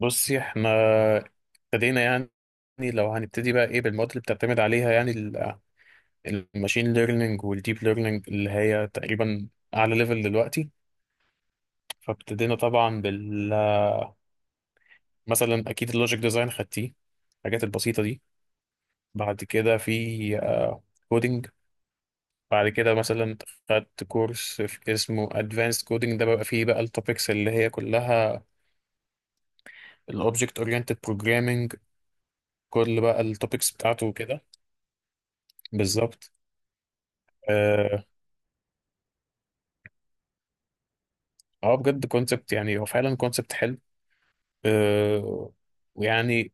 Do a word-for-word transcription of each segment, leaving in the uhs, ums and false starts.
بصي احنا ابتدينا يعني لو هنبتدي بقى ايه بالمواد اللي بتعتمد عليها يعني ال- الماشين ليرنينج والديب ليرنينج اللي هي تقريبا اعلى ليفل دلوقتي فابتدينا طبعا بال مثلا اكيد اللوجيك ديزاين خدتيه الحاجات البسيطة دي. بعد كده في كودينج. بعد كده مثلا خدت كورس في اسمه ادفانسد كودينج، ده بقى فيه بقى التوبكس اللي هي كلها الاوبجكت اورينتد بروجرامينج. كل بقى التوبكس بتاعته وكده. بالظبط. اه بجد كونسبت، يعني هو فعلا كونسبت حلو. آه ويعني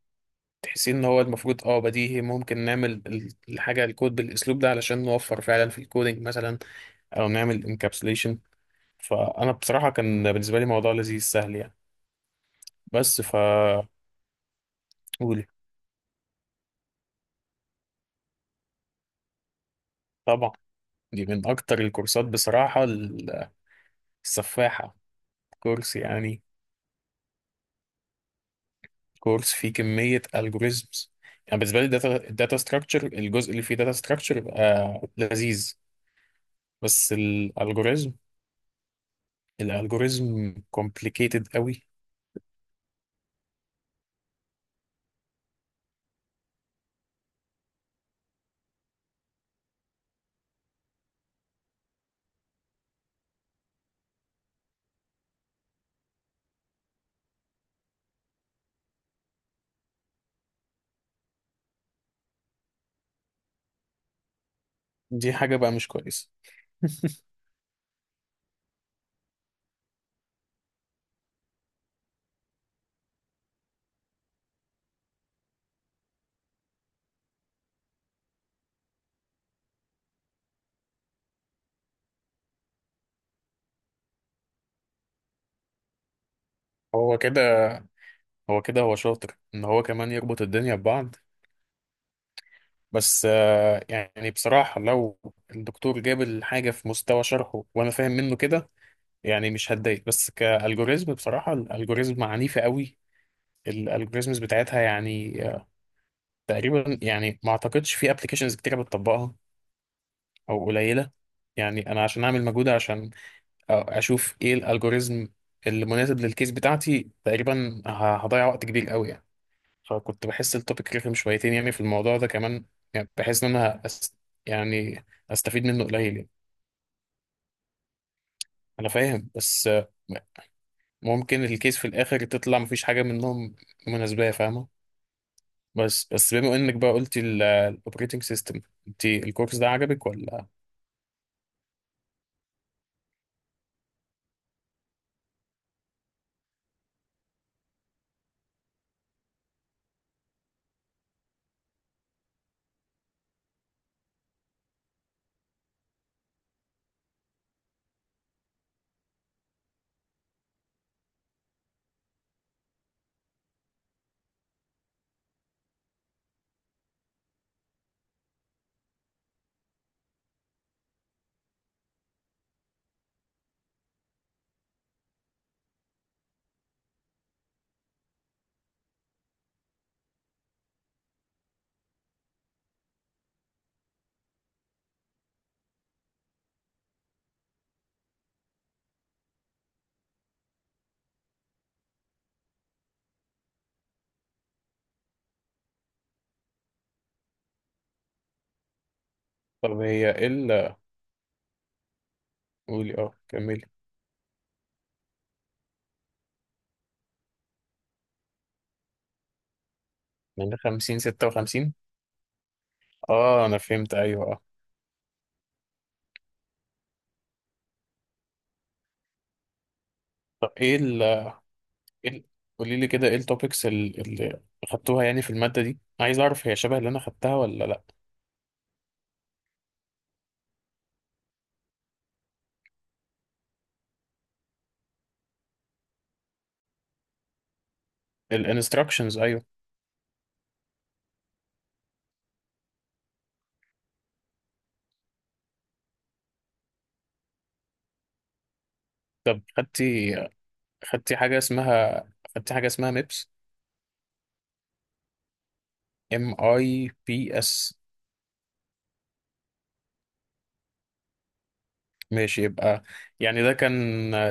تحسين ان هو المفروض اه بديهي ممكن نعمل ال- الحاجه الكود بالاسلوب ده علشان نوفر فعلا في الكودينج مثلا او نعمل انكابسوليشن. فانا بصراحه كان بالنسبه لي موضوع لذيذ سهل يعني. بس ف قولي. طبعا. دي من اكتر الكورسات بصراحه السفاحه. كورس يعني كورس فيه كميه الجوريزمز. يعني بالنسبه لي الداتا ستراكشر الجزء اللي فيه داتا ستراكشر يبقى لذيذ، بس الالجوريزم الالجوريزم كومبليكيتد قوي. دي حاجة بقى مش كويسة. هو كده هو كده هو شاطر ان هو كمان يربط الدنيا ببعض، بس آه، يعني بصراحة لو الدكتور جاب الحاجة في مستوى شرحه وانا فاهم منه كده، يعني مش هتضايق، بس كالجوريزم بصراحة الالجوريزم عنيفة قوي. الالجوريزمز بتاعتها يعني آه، تقريبا يعني ما اعتقدش في ابلكيشنز كتيرة بتطبقها، او قليلة. يعني انا عشان اعمل مجهود عشان آه، اشوف ايه الالجوريزم اللي مناسب للكيس بتاعتي تقريبا ه- هضيع وقت كبير قوي يعني. فكنت بحس التوبيك رخم شويتين يعني في الموضوع ده كمان. يعني بحس ان انا أس... يعني استفيد منه قليل يعني. انا فاهم، بس آه، ممكن الكيس في الاخر تطلع مفيش حاجه منهم مناسبه، فاهمه؟ بس بس بما انك بقى قلتي الاوبريتنج سيستم، انت الكورس ده عجبك ولا؟ طب هي ايه ال- قولي اه كملي. من خمسين ستة وخمسين. اه انا فهمت، ايوه اه. طب ايه إيه- قولي لي كده ايه التوبكس اللي خدتوها يعني في المادة دي؟ عايز اعرف هي شبه اللي انا خدتها ولا لا. الانستراكشنز، ايوه. خدتي خدتي حاجة اسمها خدتي حاجة اسمها ميبس. ام اي بي اس. ماشي يبقى. يعني ده كان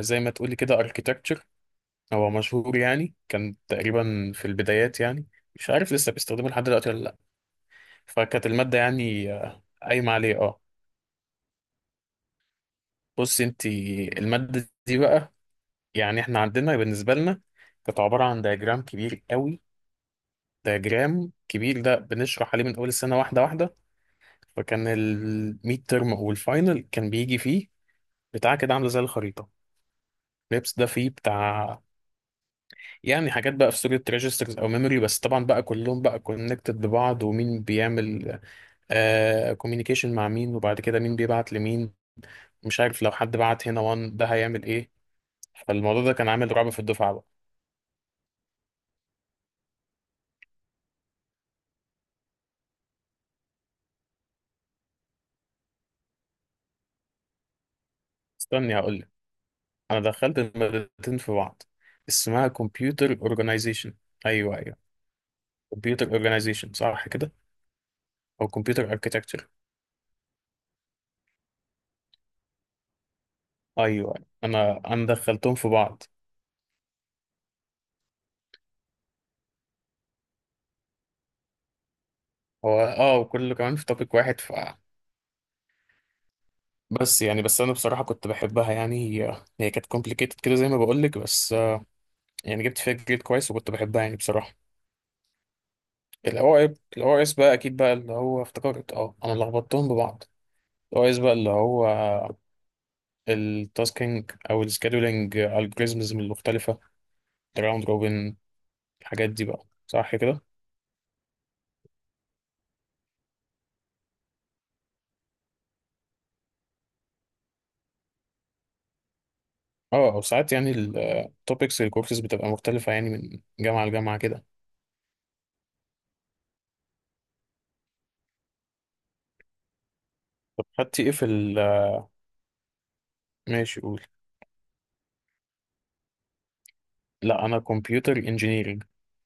زي ما تقولي كده اركيتكتشر. هو مشهور يعني كان تقريبا في البدايات يعني، مش عارف لسه بيستخدمه لحد دلوقتي ولا لا. فكانت المادة يعني آه، قايمة عليه اه. بص انت المادة دي بقى، يعني احنا عندنا بالنسبة لنا كانت عبارة عن دياجرام كبير قوي. دياجرام كبير ده بنشرح عليه من أول السنة واحدة واحدة. فكان الميد ترم أو الفاينل كان بيجي فيه بتاع كده عاملة زي الخريطة. لبس ده فيه بتاع يعني حاجات بقى في صورة ريجسترز أو ميموري، بس طبعا بقى كلهم بقى كونكتد ببعض، ومين بيعمل آه كوميونيكيشن مع مين، وبعد كده مين بيبعت لمين. مش عارف لو حد بعت هنا وان ده هيعمل ايه. فالموضوع ده كان عامل رعب في الدفعة بقى. استني هقول. انا دخلت المادتين في بعض. اسمها كمبيوتر اورجانيزيشن. ايوه ايوه. كمبيوتر اورجانيزيشن صح كده؟ او كمبيوتر اركيتكتشر. ايوه. أيوة. انا انا دخلتهم في بعض. هو اه وكله كمان في توبيك واحد ف بس يعني بس انا بصراحه كنت بحبها يعني. هي هي كانت كومبليكيتد كده زي ما بقول لك، بس آه، يعني جبت فيها جريد كويس وكنت بحبها يعني بصراحه. الاو اي الاو اس بقى اكيد بقى اللي هو افتكرت، اه انا لخبطتهم ببعض. الاو اس بقى اللي هو التاسكينج او السكادولينج الجوريزمز المختلفه، الراوند روبن، الحاجات دي بقى صح كده. اه او ساعات يعني التوبكس الكورسز بتبقى مختلفة يعني من جامعة لجامعة كده. طب خدتي ايه في ال؟ ماشي قول. لا انا كمبيوتر انجينيرنج،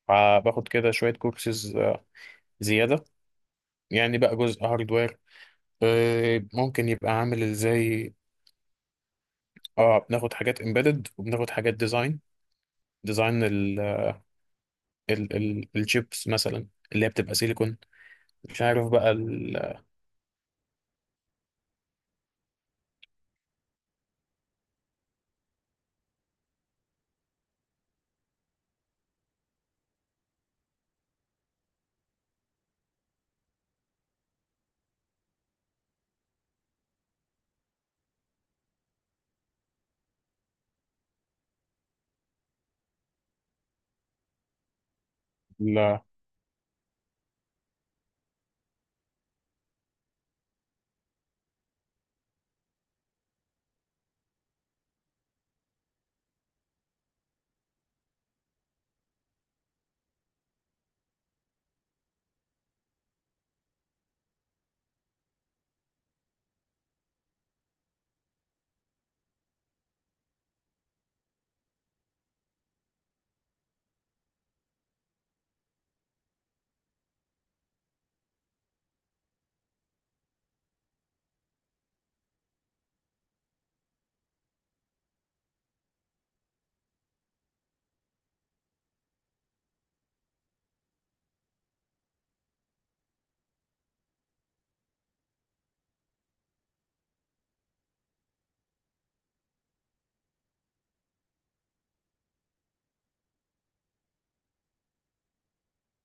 فباخد كده شوية كورسز آه، زيادة. يعني بقى جزء هاردوير آه، ممكن يبقى عامل ازاي. اه بناخد حاجات امبيدد وبناخد حاجات ديزاين. ديزاين ال ال ال الشيبس مثلا اللي هي بتبقى سيليكون، مش عارف بقى ال ال-.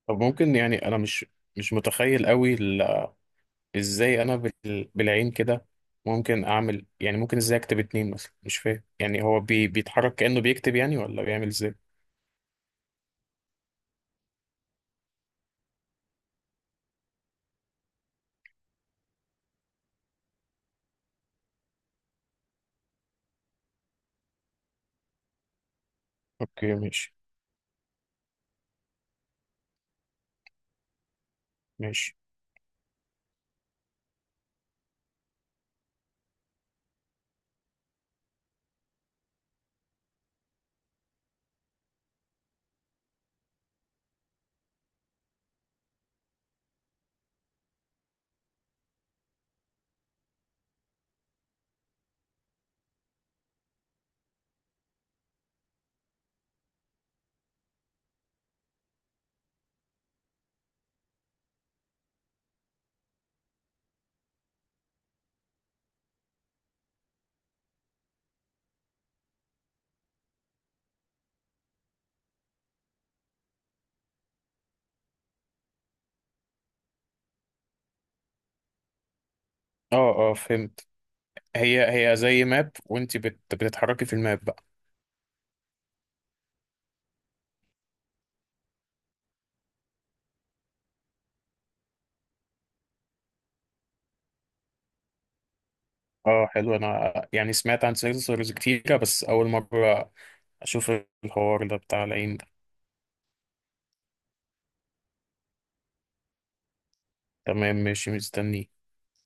طب ممكن، يعني انا مش مش متخيل قوي ازاي انا بال... بالعين كده ممكن اعمل، يعني ممكن ازاي اكتب اتنين مثلا، مش فاهم يعني هو بي... بيتحرك كأنه بيكتب يعني ولا بيعمل ازاي. اوكي ماشي. ماشي. اه اه فهمت. هي هي زي ماب وانت بت... بتتحركي في الماب بقى. اه حلو. انا يعني سمعت عن سيرفرز كتيرة، بس اول مرة اشوف الحوار ده بتاع العين ده. تمام ماشي، مستني.